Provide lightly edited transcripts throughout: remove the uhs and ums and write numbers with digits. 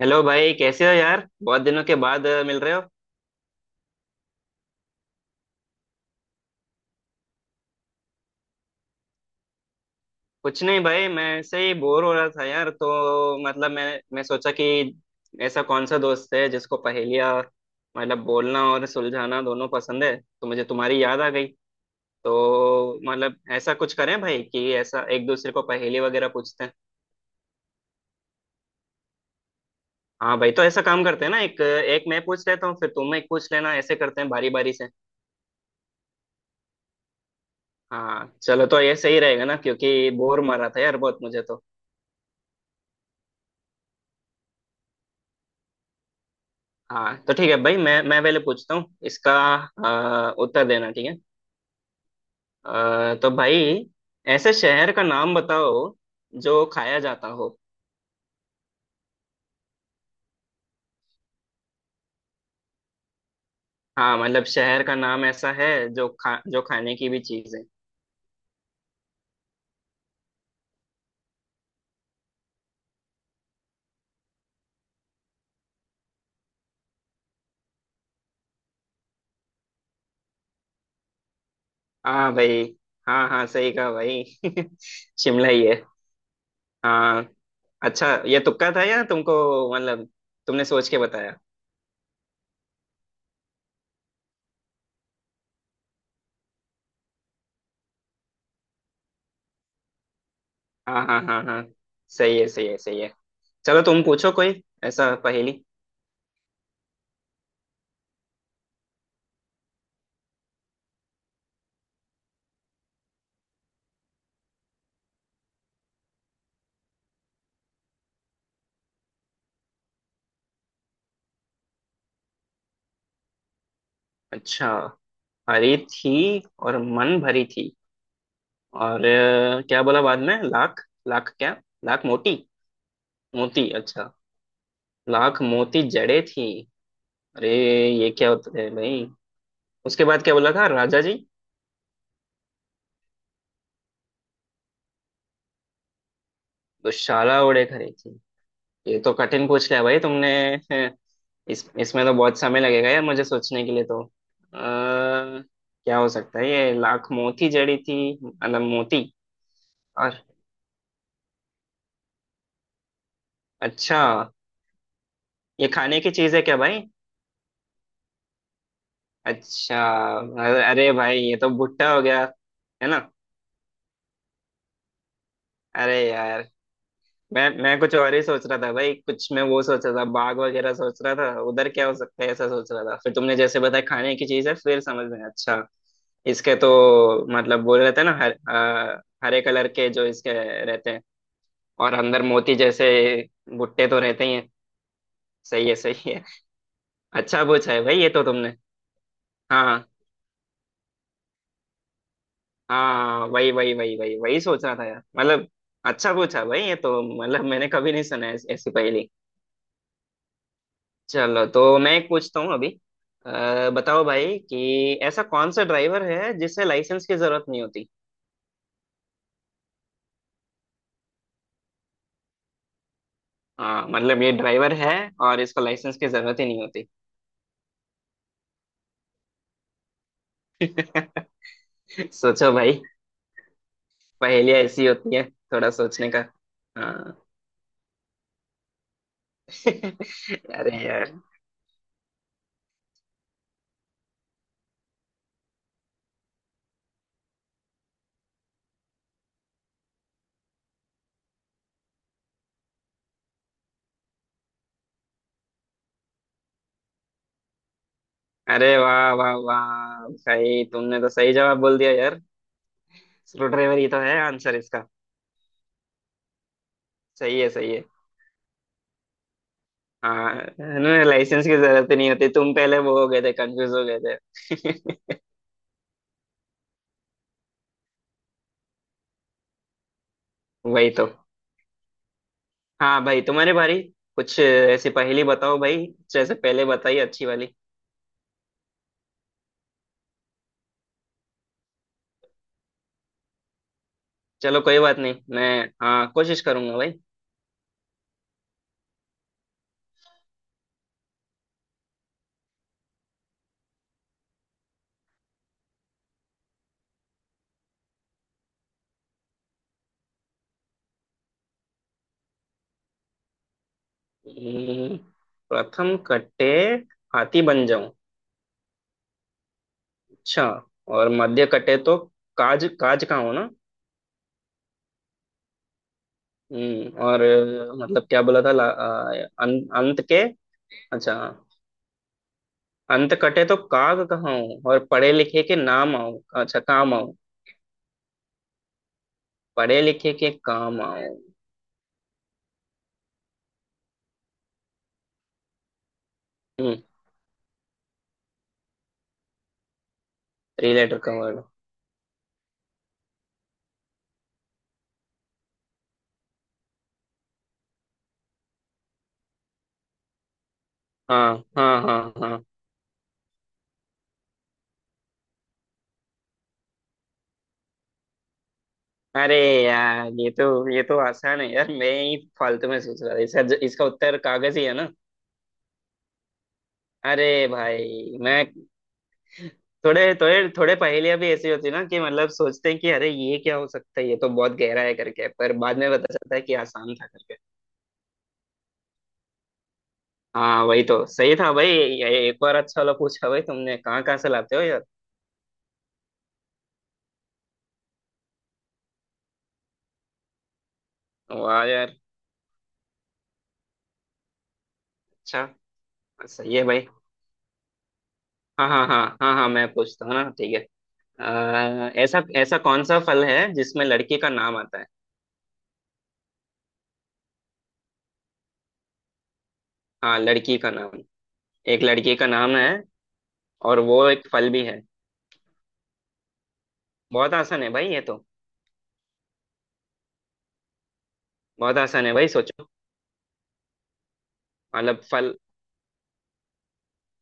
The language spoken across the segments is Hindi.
हेलो भाई। कैसे हो यार? बहुत दिनों के बाद मिल रहे हो। कुछ नहीं भाई, मैं ऐसे ही बोर हो रहा था यार। तो मतलब मैं सोचा कि ऐसा कौन सा दोस्त है जिसको पहेलियाँ मतलब बोलना और सुलझाना दोनों पसंद है, तो मुझे तुम्हारी याद आ गई। तो मतलब ऐसा कुछ करें भाई कि ऐसा एक दूसरे को पहेली वगैरह पूछते हैं। हाँ भाई, तो ऐसा काम करते हैं ना, एक एक मैं पूछ लेता हूँ, फिर तुम एक पूछ लेना, ऐसे करते हैं बारी बारी से। हाँ चलो, तो ये सही रहेगा ना, क्योंकि बोर मारा था यार बहुत मुझे तो। हाँ तो ठीक है भाई, मैं पहले पूछता हूँ, इसका उत्तर देना, ठीक है। तो भाई, ऐसे शहर का नाम बताओ जो खाया जाता हो। हाँ, मतलब शहर का नाम ऐसा है जो खाने की भी चीज है। हाँ भाई। हाँ हाँ, सही कहा भाई। शिमला ही है। हाँ। अच्छा, ये तुक्का था या तुमको मतलब तुमने सोच के बताया? हाँ हाँ हाँ हाँ, सही है सही है सही है। चलो तुम पूछो कोई ऐसा पहेली। अच्छा, हरी थी और मन भरी थी, और क्या बोला बाद में, लाख? लाख क्या? लाख मोती? मोती, अच्छा। लाख मोती जड़े थी। अरे, ये क्या होता है भाई? उसके बाद क्या बोला था राजा जी? दुशाला ओढ़े खड़ी थी। ये तो कठिन पूछ लिया भाई तुमने। हैं, इस इसमें तो बहुत समय लगेगा यार मुझे सोचने के लिए। तो क्या हो सकता है ये, लाख मोती जड़ी थी मतलब मोती। और अच्छा, ये खाने की चीज है क्या भाई? अच्छा, अरे अरे भाई, ये तो भुट्टा हो गया, है ना? अरे यार, मैं कुछ और ही सोच रहा था भाई। कुछ मैं वो सोच रहा था, बाग वगैरह सोच रहा था, उधर क्या हो सकता है ऐसा सोच रहा था। फिर तुमने जैसे बताया खाने की चीज है, फिर समझ में आया, अच्छा। इसके तो मतलब बोल रहे थे ना, हरे कलर के जो इसके रहते हैं, और अंदर मोती जैसे भुट्टे तो रहते ही हैं। सही है सही है। अच्छा पूछा है भाई ये तो तुमने। हाँ हाँ हाँ, वही वही वही वही वही सोच रहा था यार मतलब। अच्छा पूछा भाई, ये तो मतलब मैंने कभी नहीं सुना है ऐसी पहेली। चलो तो मैं एक पूछता हूँ अभी। बताओ भाई कि ऐसा कौन सा ड्राइवर है जिसे लाइसेंस की जरूरत नहीं होती? हाँ मतलब ये ड्राइवर है, और इसको लाइसेंस की जरूरत ही नहीं होती। सोचो भाई, पहेलियाँ ऐसी होती है, थोड़ा सोचने का। हाँ। अरे यार। अरे वाह वाह वाह भाई, तुमने तो सही जवाब बोल दिया यार। स्क्रू ड्राइवर ही तो है आंसर इसका। सही है सही है। हाँ, इन्हें लाइसेंस की जरूरत ही नहीं होती, तुम पहले वो हो गए थे, कंफ्यूज हो गए थे। वही तो। हाँ भाई, तुम्हारे भाई कुछ ऐसी पहेली बताओ भाई, जैसे पहले बताई अच्छी वाली। चलो कोई बात नहीं, मैं हाँ कोशिश करूंगा भाई। हम्म, प्रथम कटे हाथी बन जाऊं, अच्छा। और मध्य कटे तो काज, काज का हो ना? और मतलब क्या बोला था अंत के, अच्छा। अंत कटे तो काग कहाऊं, और पढ़े लिखे के नाम आऊं, अच्छा, काम आऊं, पढ़े लिखे के काम आऊं। हम्म थ्री लेटर का वर्ड। हाँ हाँ हाँ हाँ। अरे यार, ये तो, ये तो आसान है यार, मैं ही फालतू में सोच रहा था, इसका इसका उत्तर कागज ही है ना? अरे भाई मैं, थोड़े थोड़े थोड़े पहेलियां भी ऐसी होती है ना कि मतलब सोचते हैं कि अरे ये क्या हो सकता है, ये तो बहुत गहरा है करके, पर बाद में पता चलता है कि आसान था करके। हाँ वही तो, सही था भाई, एक बार अच्छा वाला पूछा भाई तुमने, कहाँ कहाँ से लाते हो? वाह यार, अच्छा, सही है भाई। हाँ हाँ हाँ हाँ हाँ, मैं पूछता हूँ ना, ठीक है। ऐसा ऐसा कौन सा फल है जिसमें लड़की का नाम आता है? हाँ लड़की का नाम। एक लड़की का नाम है, और वो एक फल भी है। बहुत आसान है भाई ये तो। बहुत आसान है भाई, सोचो। मतलब फल।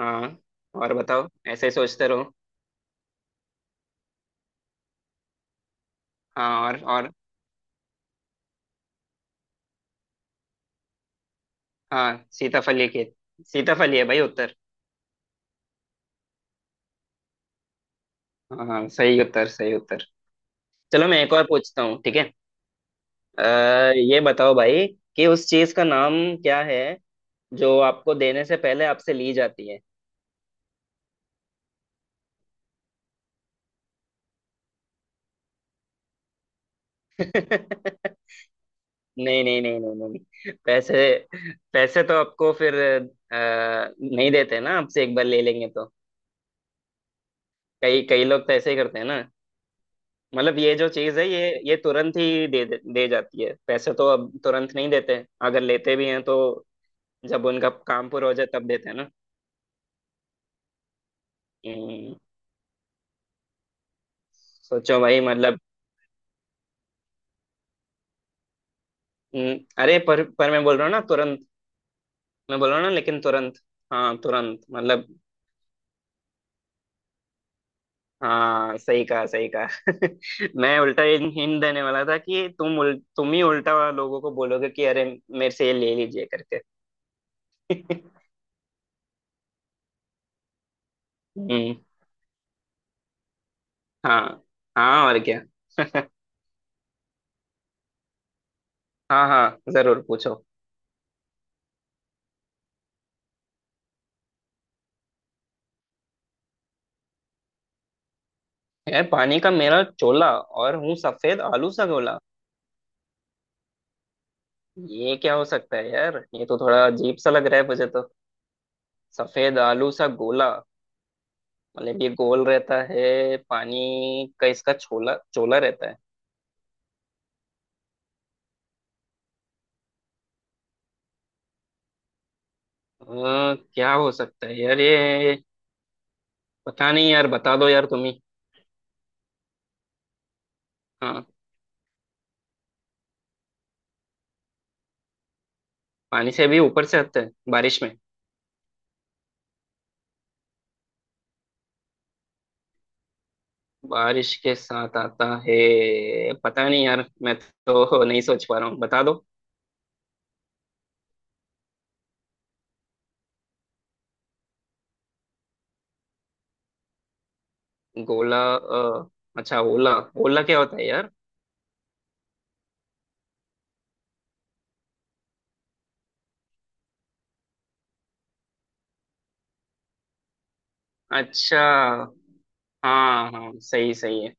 हाँ और बताओ, ऐसे ही सोचते रहो। हाँ और। हाँ सीताफल ही के, सीताफल ही है भाई उत्तर। हाँ हाँ, सही उत्तर सही उत्तर। चलो मैं एक और पूछता हूँ, ठीक है। अ, ये बताओ भाई कि उस चीज का नाम क्या है जो आपको देने से पहले आपसे ली जाती है। नहीं, नहीं नहीं नहीं नहीं, पैसे। पैसे तो आपको फिर नहीं देते ना, आपसे एक बार ले लेंगे तो। कई कई लोग तो ऐसे ही करते हैं ना। मतलब ये जो चीज है ये तुरंत ही दे दे दे जाती है, पैसे तो अब तुरंत नहीं देते। अगर लेते भी हैं तो जब उनका काम पूरा हो जाए तब देते हैं ना। हम्म, सोचो भाई मतलब। हम्म। अरे, पर मैं बोल रहा हूँ ना तुरंत। मैं बोला ना, लेकिन तुरंत। हाँ तुरंत मतलब। हाँ सही कहा सही कहा। मैं उल्टा हिंट देने वाला था कि तुम ही उल्टा लोगों को बोलोगे कि अरे, मेरे से ये ले लीजिए करके। हम्म। हाँ। हाँ, और क्या। हाँ हाँ, जरूर पूछो। यार, पानी का मेरा चोला और हूँ सफेद आलू सा गोला। ये क्या हो सकता है यार? ये तो थोड़ा अजीब सा लग रहा है मुझे तो। सफेद आलू सा गोला, मतलब ये गोल रहता है पानी का, इसका छोला चोला रहता है। क्या हो सकता है यार ये, पता नहीं यार, बता दो यार तुम ही। हाँ। पानी से भी ऊपर से आता है बारिश में? बारिश के साथ आता है, पता नहीं यार, मैं तो नहीं सोच पा रहा हूँ, बता दो। गोला, अच्छा, ओला। ओला क्या होता है यार? अच्छा। हाँ हाँ, सही सही है।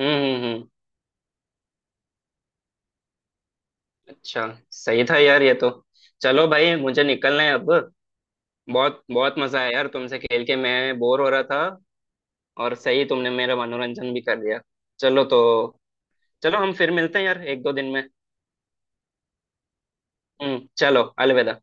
हम्म हम्म हम्म, अच्छा, सही था यार ये तो। चलो भाई, मुझे निकलना है अब। बहुत बहुत मजा आया यार तुमसे खेल के, मैं बोर हो रहा था। और सही तुमने मेरा मनोरंजन भी कर दिया। चलो तो, चलो हम फिर मिलते हैं यार एक दो दिन में। चलो, अलविदा।